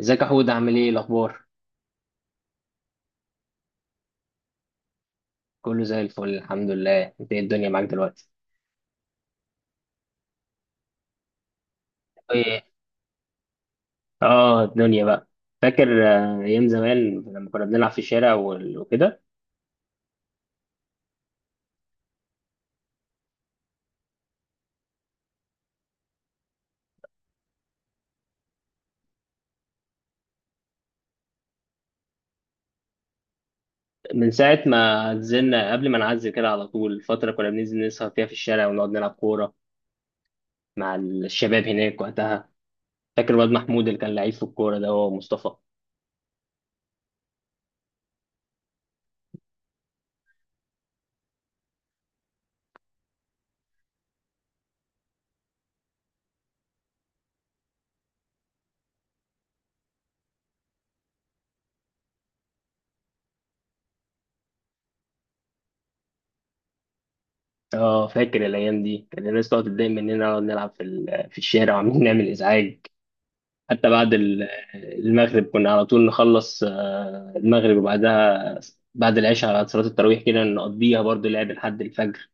ازيك يا حود؟ عامل ايه الاخبار؟ كله زي الفل الحمد لله. انت ايه الدنيا معاك دلوقتي؟ ايه؟ اه الدنيا بقى. فاكر ايام زمان لما كنا بنلعب في الشارع وكده. من ساعه ما نزلنا قبل ما نعزل كده على طول فتره كنا بننزل نسهر فيها في الشارع ونقعد نلعب كوره مع الشباب هناك وقتها. فاكر الواد محمود اللي كان لعيب في الكوره؟ ده هو مصطفى. اه فاكر الايام دي، كان الناس تقعد تتضايق مننا نقعد نلعب في الشارع وعاملين نعمل ازعاج. حتى المغرب كنا على طول نخلص، المغرب وبعدها بعد العشاء على صلاة التراويح كده نقضيها برضو لعب لحد الفجر.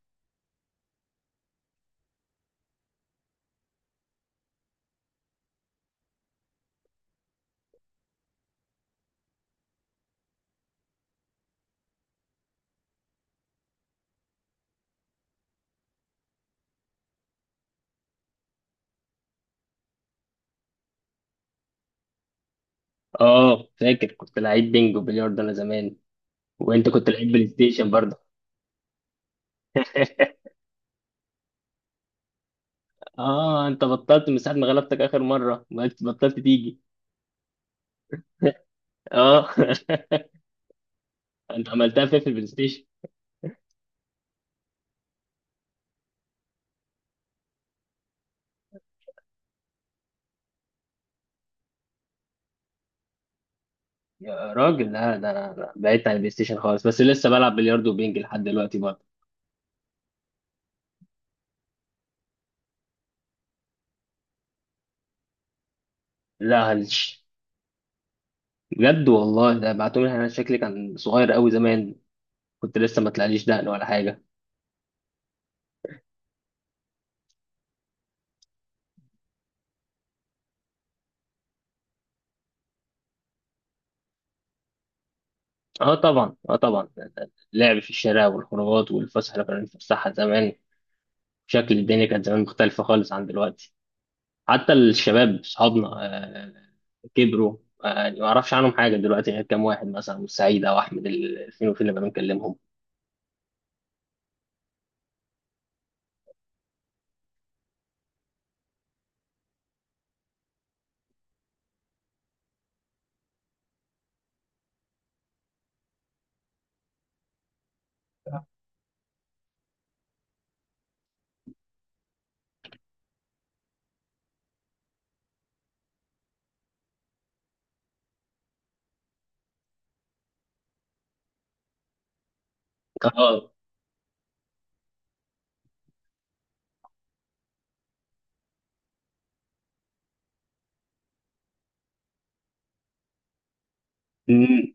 اه فاكر كنت لعيب بينج وبلياردو انا زمان، وانت كنت لعيب بلاي ستيشن برضه. اه انت بطلت من ساعة ما غلبتك اخر مرة، ما بطلت تيجي. اه انت عملتها فين في البلاي ستيشن؟ يا راجل لا، ده أنا بعدت عن البلاي ستيشن خالص، بس لسه بلعب بلياردو وبينج لحد دلوقتي برضه. لا هلش. بجد والله، ده بعتولي انا شكلي كان صغير قوي زمان. كنت لسه ما طلعليش دقن ولا حاجه. اه طبعا، اه طبعا. اللعب في الشارع والخروجات والفسحه اللي كنا بنتفسحها زمان، شكل الدنيا كانت زمان مختلفه خالص عن دلوقتي. حتى الشباب اصحابنا كبروا. آه يعني ما اعرفش عنهم حاجه دلوقتي غير كام واحد مثلا من سعيد او احمد، فين وفين لما بنكلمهم. اه. مم.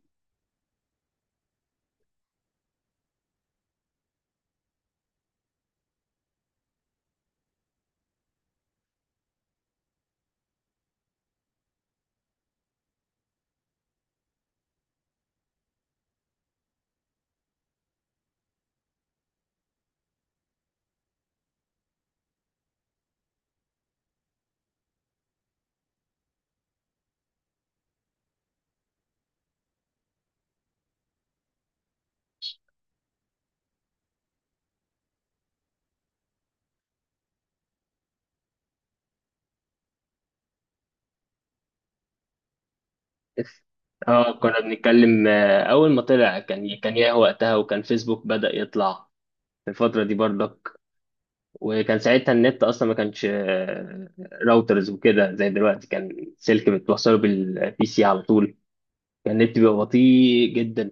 اه كنا بنتكلم، اول ما طلع كان ياهو وقتها، وكان فيسبوك بدأ يطلع في الفترة دي برضه. وكان ساعتها النت اصلا ما كانش راوترز وكده زي دلوقتي، كان سلك بتوصله بالبي سي على طول. كان النت بيبقى بطيء جدا.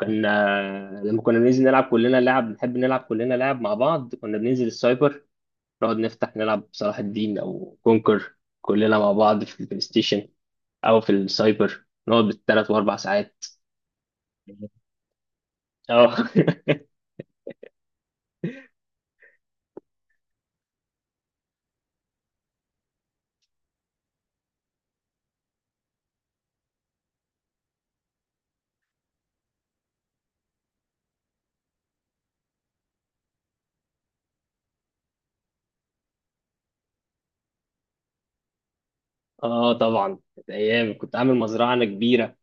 كان لما كنا بننزل نلعب كلنا لعب، بنحب نلعب كلنا لعب مع بعض، كنا بننزل السايبر نقعد نفتح نلعب صلاح الدين او كونكر كلنا مع بعض في البلاي ستيشن، او في السايبر نقعد بالثلاث واربع ساعات. اه اه طبعا، كانت ايام. كنت عامل مزرعه انا كبيره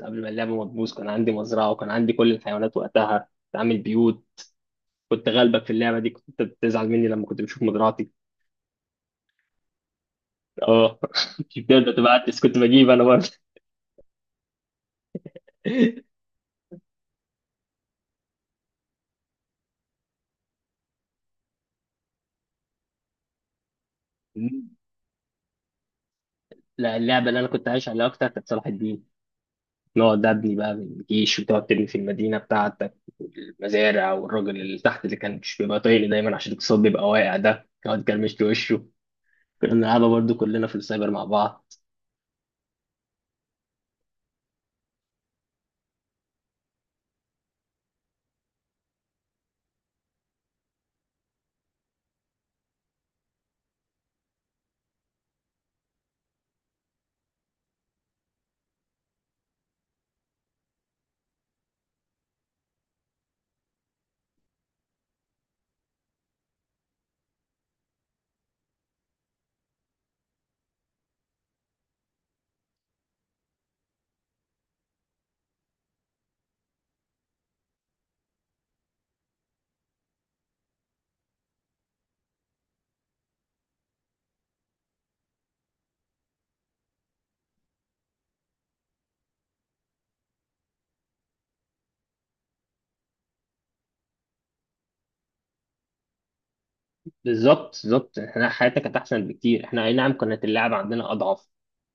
قبل ما اللعبة ما تبوظ. كان عندي مزرعة وكان عندي كل الحيوانات وقتها، كنت عامل بيوت. كنت غالبك في اللعبة دي، كنت بتزعل مني لما كنت بشوف مزرعتي. اه كنت بتبدأ تبعتس كنت بجيب انا برضه. لا اللعبة اللي انا كنت عايش عليها اكتر كانت صلاح الدين. نقعد ابني بقى من الجيش وتقعد تبني في المدينة بتاعتك المزارع، والراجل اللي تحت اللي كان مش بيبقى طايق لي دايما عشان الاقتصاد بيبقى واقع ده يقعد كرمش وشه. كنا بنلعبها برضه كلنا في السايبر مع بعض. بالظبط، بالظبط. احنا حياتنا كانت احسن بكتير. احنا اي نعم كانت اللعبه عندنا اضعف،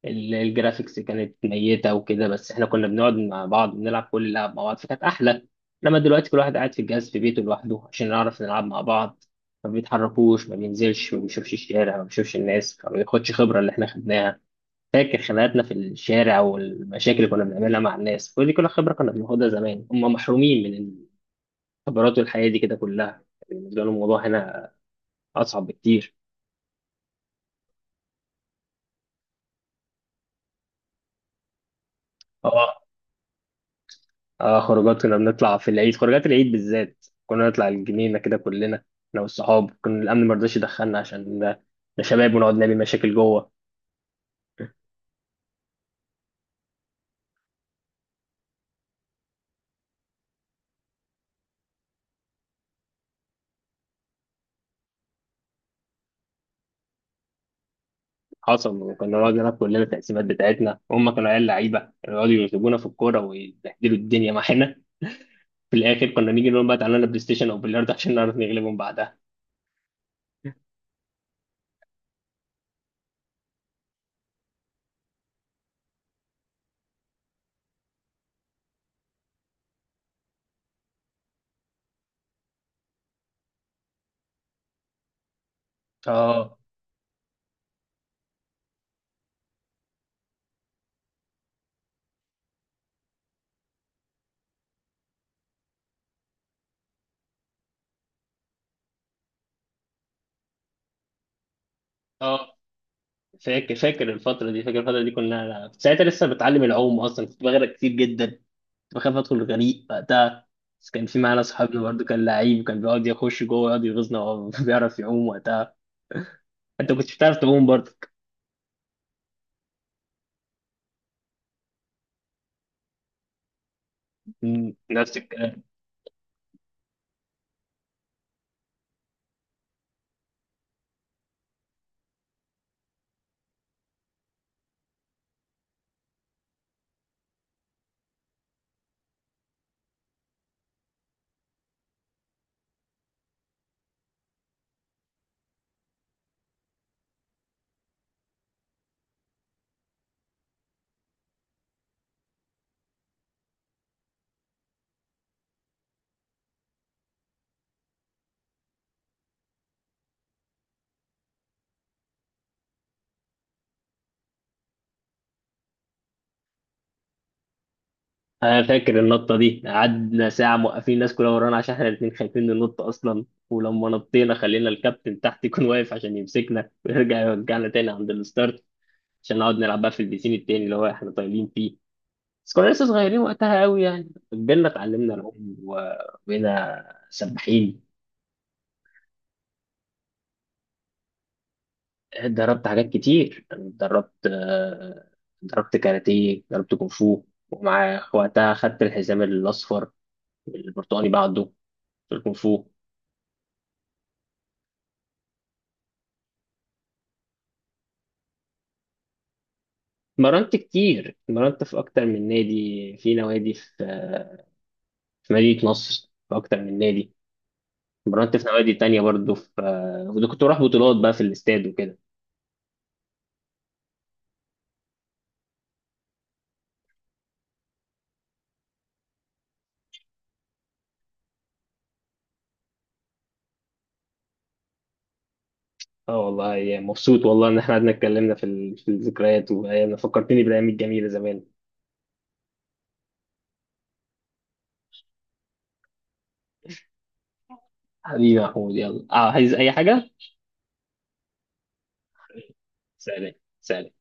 الجرافيكس كانت ميته وكده، بس احنا كنا بنقعد مع بعض بنلعب كل اللعب مع بعض فكانت احلى. انما دلوقتي كل واحد قاعد في الجهاز في بيته لوحده عشان نعرف نلعب مع بعض. ما بيتحركوش ما بينزلش ما بيشوفش الشارع ما بيشوفش الناس ما بياخدش خبره اللي احنا خدناها. فاكر خناقاتنا في الشارع والمشاكل اللي كنا بنعملها مع الناس، كل دي كلها خبره كنا بناخدها زمان. هم محرومين من الخبرات والحياه دي كده كلها. بالنسبه لهم الموضوع هنا اصعب بكتير. اه. اه خروجات كنا بنطلع في العيد، خروجات العيد بالذات كنا نطلع الجنينة كده كلنا انا والصحاب. كنا الامن ما رضاش يدخلنا عشان ده، ده شباب ونقعد نعمل مشاكل جوه. حصل. وكنا نقعد نلعب كلنا التقسيمات بتاعتنا، وهم كانوا عيال لعيبه يقعدوا يرتبونا في الكوره ويبهدلوا الدنيا معانا. في الاخر كنا نيجي نقول بقى تعالى لنا بلاي ستيشن او بلياردو عشان نعرف نغلبهم بعدها. اه. اه فاكر الفترة دي، فاكر الفترة دي. كنا ساعتها لسه بتعلم العوم اصلا، كنت بغرق كتير جدا. كنت بخاف ادخل الغريق وقتها. بس كان في معانا صحابنا برضه كان لعيب وكان بيقعد يخش جوه ويقعد يغيظنا وهو بيعرف يعوم وقتها. انت كنتش بتعرف تعوم برضه. مم، نفس الكلام. انا فاكر النطه دي، قعدنا ساعه موقفين الناس كلها ورانا عشان احنا الاثنين خايفين ننط اصلا. ولما نطينا خلينا الكابتن تحت يكون واقف عشان يمسكنا ويرجع يرجعنا تاني عند الستارت عشان نقعد نلعب بقى في البيسين التاني اللي هو احنا طايلين فيه. بس كنا لسه صغيرين وقتها قوي، يعني كبرنا اتعلمنا العوم وبقينا سباحين. اتدربت حاجات كتير، اتدربت اتدربت كاراتيه اتدربت كونغ فو. ومع وقتها خدت الحزام الأصفر والبرتقالي بعده في الكونغ فو. اتمرنت كتير، اتمرنت في أكتر من نادي، في نوادي في في مدينة نصر في أكتر من نادي. اتمرنت في نوادي تانية برضه في وده كنت بروح بطولات بقى في الاستاد وكده. اه والله يا مبسوط، والله ان احنا قعدنا اتكلمنا في الذكريات وايام، فكرتني بالايام الجميله زمان. حبيبي يا محمود، يلا عايز اي حاجه؟ سلام. سلام.